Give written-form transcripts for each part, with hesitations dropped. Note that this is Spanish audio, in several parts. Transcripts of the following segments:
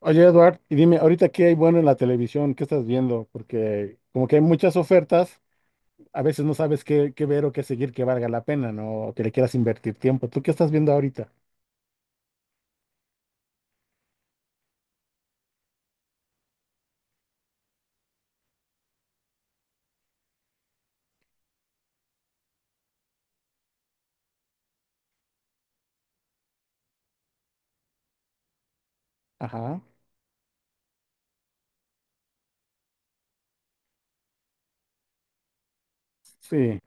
Oye, Eduard, y dime, ahorita qué hay bueno en la televisión, ¿qué estás viendo? Porque como que hay muchas ofertas, a veces no sabes qué ver o qué seguir que valga la pena, ¿no? O que le quieras invertir tiempo. ¿Tú qué estás viendo ahorita? Ajá. Sí.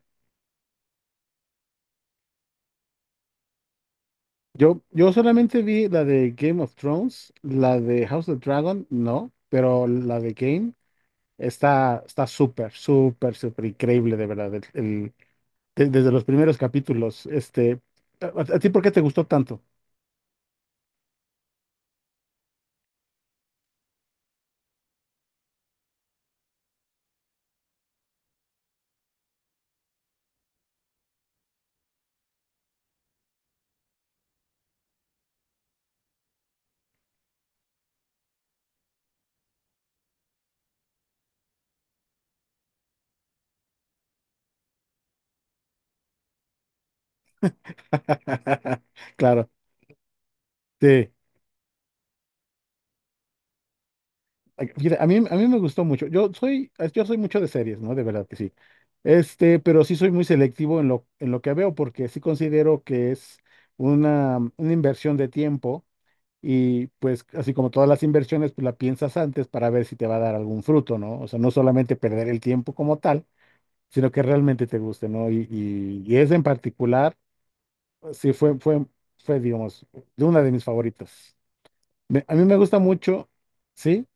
Yo solamente vi la de Game of Thrones, la de House of Dragon, no, pero la de Game está súper, súper, súper increíble, de verdad. Desde los primeros capítulos, ¿ A ti por qué te gustó tanto? Claro, sí. Ay, fíjate, a mí me gustó mucho. Yo soy mucho de series, ¿no? De verdad que sí. Este, pero sí soy muy selectivo en lo que veo, porque sí considero que es una inversión de tiempo y pues así como todas las inversiones, pues la piensas antes para ver si te va a dar algún fruto, ¿no? O sea, no solamente perder el tiempo como tal, sino que realmente te guste, ¿no? Y esa en particular, sí digamos, de una de mis favoritas. A mí me gusta mucho, ¿sí?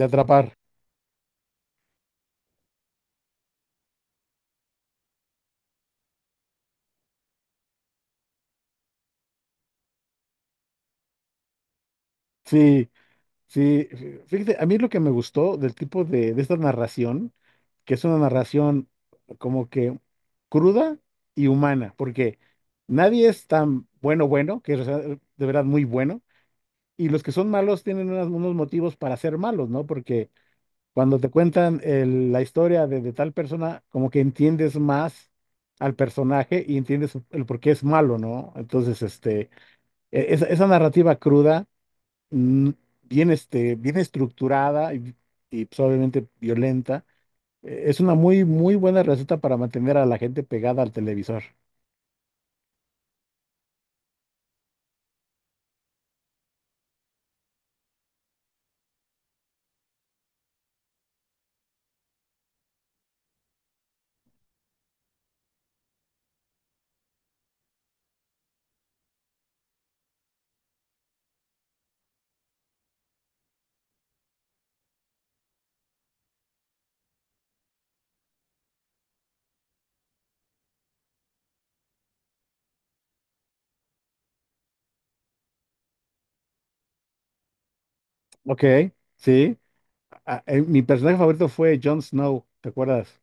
De atrapar. Sí, Sí, fíjate, a mí lo que me gustó del tipo de esta narración, que es una narración como que cruda y humana, porque nadie es tan bueno, bueno, que es de verdad muy bueno, y los que son malos tienen unos motivos para ser malos, ¿no? Porque cuando te cuentan la historia de tal persona, como que entiendes más al personaje y entiendes el por qué es malo, ¿no? Entonces, esa narrativa cruda, mm, bien, bien estructurada y, pues, obviamente violenta. Es una muy, muy buena receta para mantener a la gente pegada al televisor. Ok, sí. Ah, mi personaje favorito fue Jon Snow, ¿te acuerdas?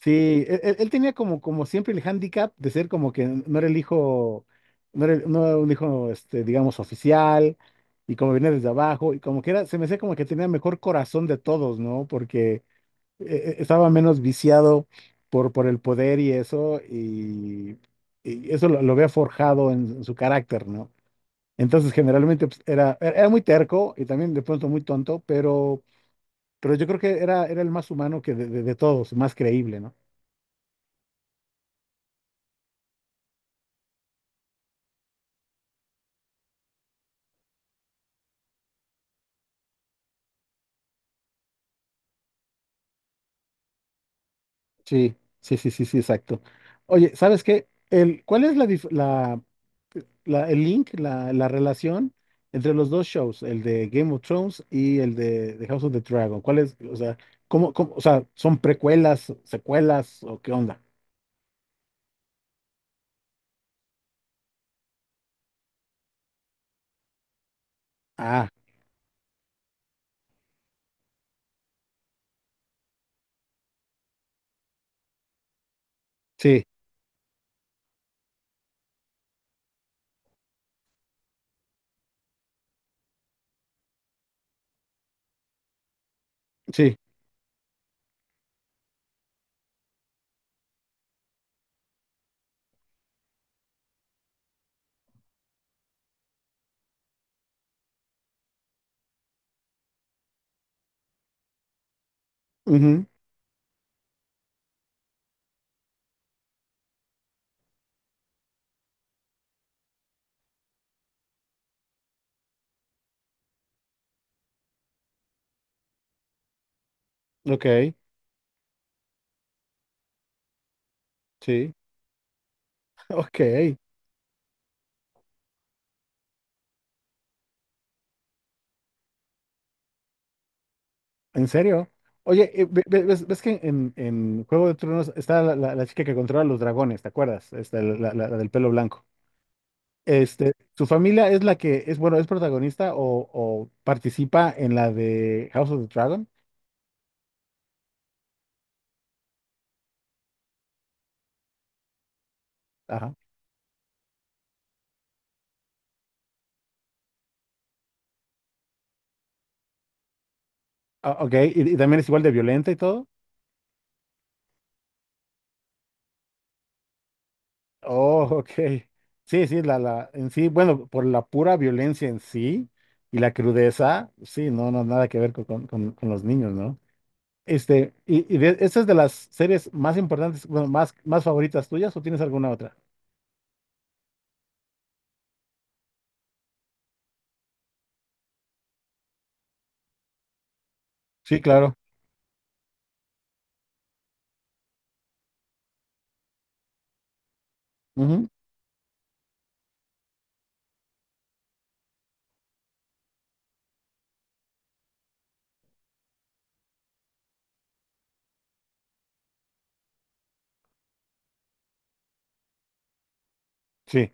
Sí, él tenía como, como siempre el hándicap de ser como que no era el hijo, no no era un hijo, este, digamos, oficial, y como venía desde abajo, y como que era, se me hacía como que tenía mejor corazón de todos, ¿no? Porque estaba menos viciado por el poder y eso lo había forjado en su carácter, ¿no? Entonces, generalmente pues, era muy terco y también de pronto muy tonto, pero yo creo que era el más humano de todos, más creíble, ¿no? Sí, sí, sí, sí, sí, exacto. Oye, ¿sabes qué? ¿Cuál es la, dif- la- el link, la relación entre los dos shows, el de Game of Thrones y el de House of the Dragon? ¿Cuál es? O sea, ¿ o sea, ¿son precuelas, secuelas o qué onda? Ah, sí, sí. Ujú, ok, sí. Ok, ¿en serio? Oye, ves que en Juego de Tronos está la chica que controla los dragones, ¿te acuerdas? Esta, la del pelo blanco. Este, su familia es la que es, bueno, es protagonista o participa en la de House of the Dragon. Ajá. Ah, ok, ¿y, y también es igual de violenta y todo? Oh, ok. Sí, sí, en sí, bueno, por la pura violencia en sí y la crudeza, sí, no, no, nada que ver con los niños, ¿no? Este, y de, ¿esta es de las series más importantes, bueno, más favoritas tuyas o tienes alguna otra? Sí, claro. Ujú, sí,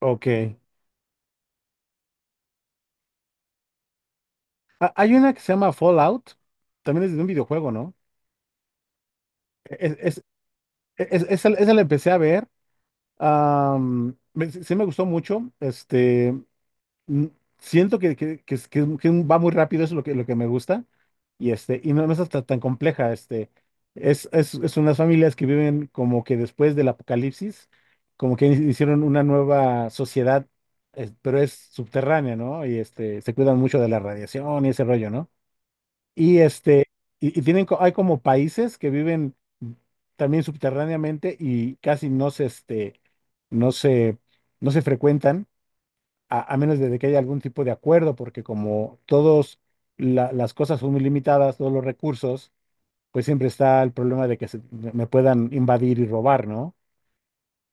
ok. Ah, hay una que se llama Fallout, también es de un videojuego, ¿no? Es, es, esa la empecé a ver, sí sí me gustó mucho, este. Mm, siento que, que va muy rápido, eso es lo que me gusta, y, este, y no, no es hasta tan compleja, este, es unas familias que viven como que después del apocalipsis, como que hicieron una nueva sociedad, pero es subterránea, ¿no? Y este, se cuidan mucho de la radiación y ese rollo, ¿no? Y este, y tienen, hay como países que viven también subterráneamente y casi no se, este, no se, no se frecuentan a menos de que haya algún tipo de acuerdo, porque como todas las cosas son muy limitadas, todos los recursos, pues siempre está el problema de que me puedan invadir y robar, ¿no?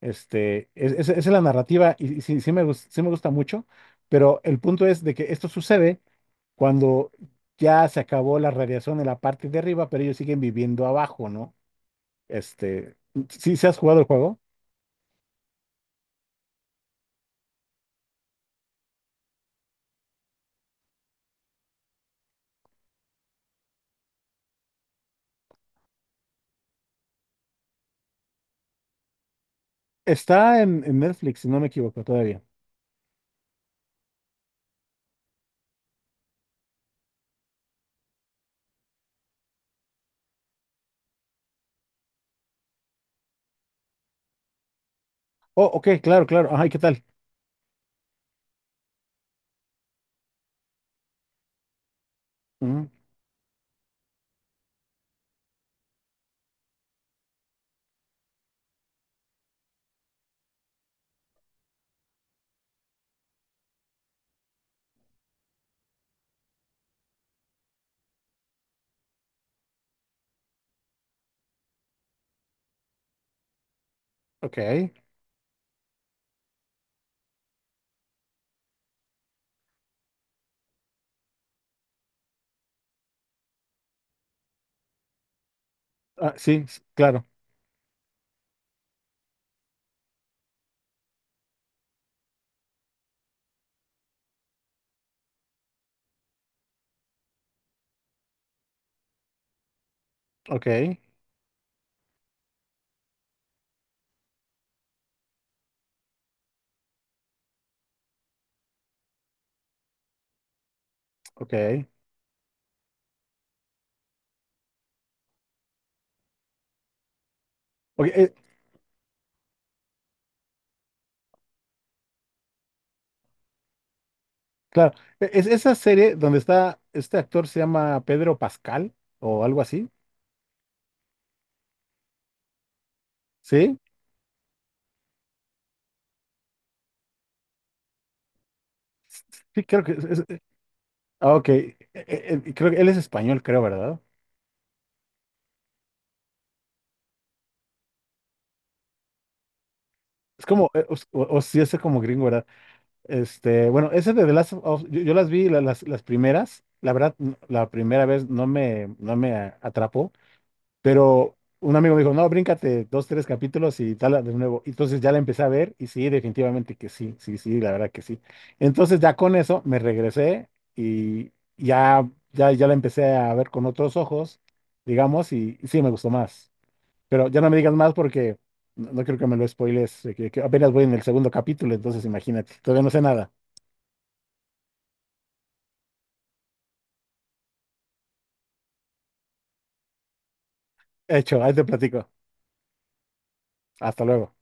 Este, esa es la narrativa y sí, sí me gusta mucho, pero el punto es de que esto sucede cuando ya se acabó la radiación en la parte de arriba, pero ellos siguen viviendo abajo, ¿no? Este, si ¿sí has jugado el juego? Está en Netflix, si no me equivoco todavía. Oh, ok, claro, claro. Ay, ¿qué tal? Ujú, ok. Ah, sí, claro. Ok, ok. Ok, claro. Es esa serie donde está este actor, se llama Pedro Pascal o algo así. Sí, sí, creo que es. Ah, ok. Creo que él es español, creo, ¿verdad? Es como, o sí, es como gringo, ¿verdad? Este, bueno, ese de The Last of Us, yo las vi las primeras. La verdad, la primera vez no no me atrapó. Pero un amigo me dijo, no, bríncate dos, tres capítulos y tal de nuevo. Entonces ya la empecé a ver y sí, definitivamente que sí, sí, sí, la verdad que sí. Entonces ya con eso me regresé y ya, ya, ya la empecé a ver con otros ojos, digamos, y sí me gustó más. Pero ya no me digas más porque no, no creo que me lo spoiles, que apenas voy en el segundo capítulo, entonces imagínate, todavía no sé nada. Hecho, ahí te platico. Hasta luego.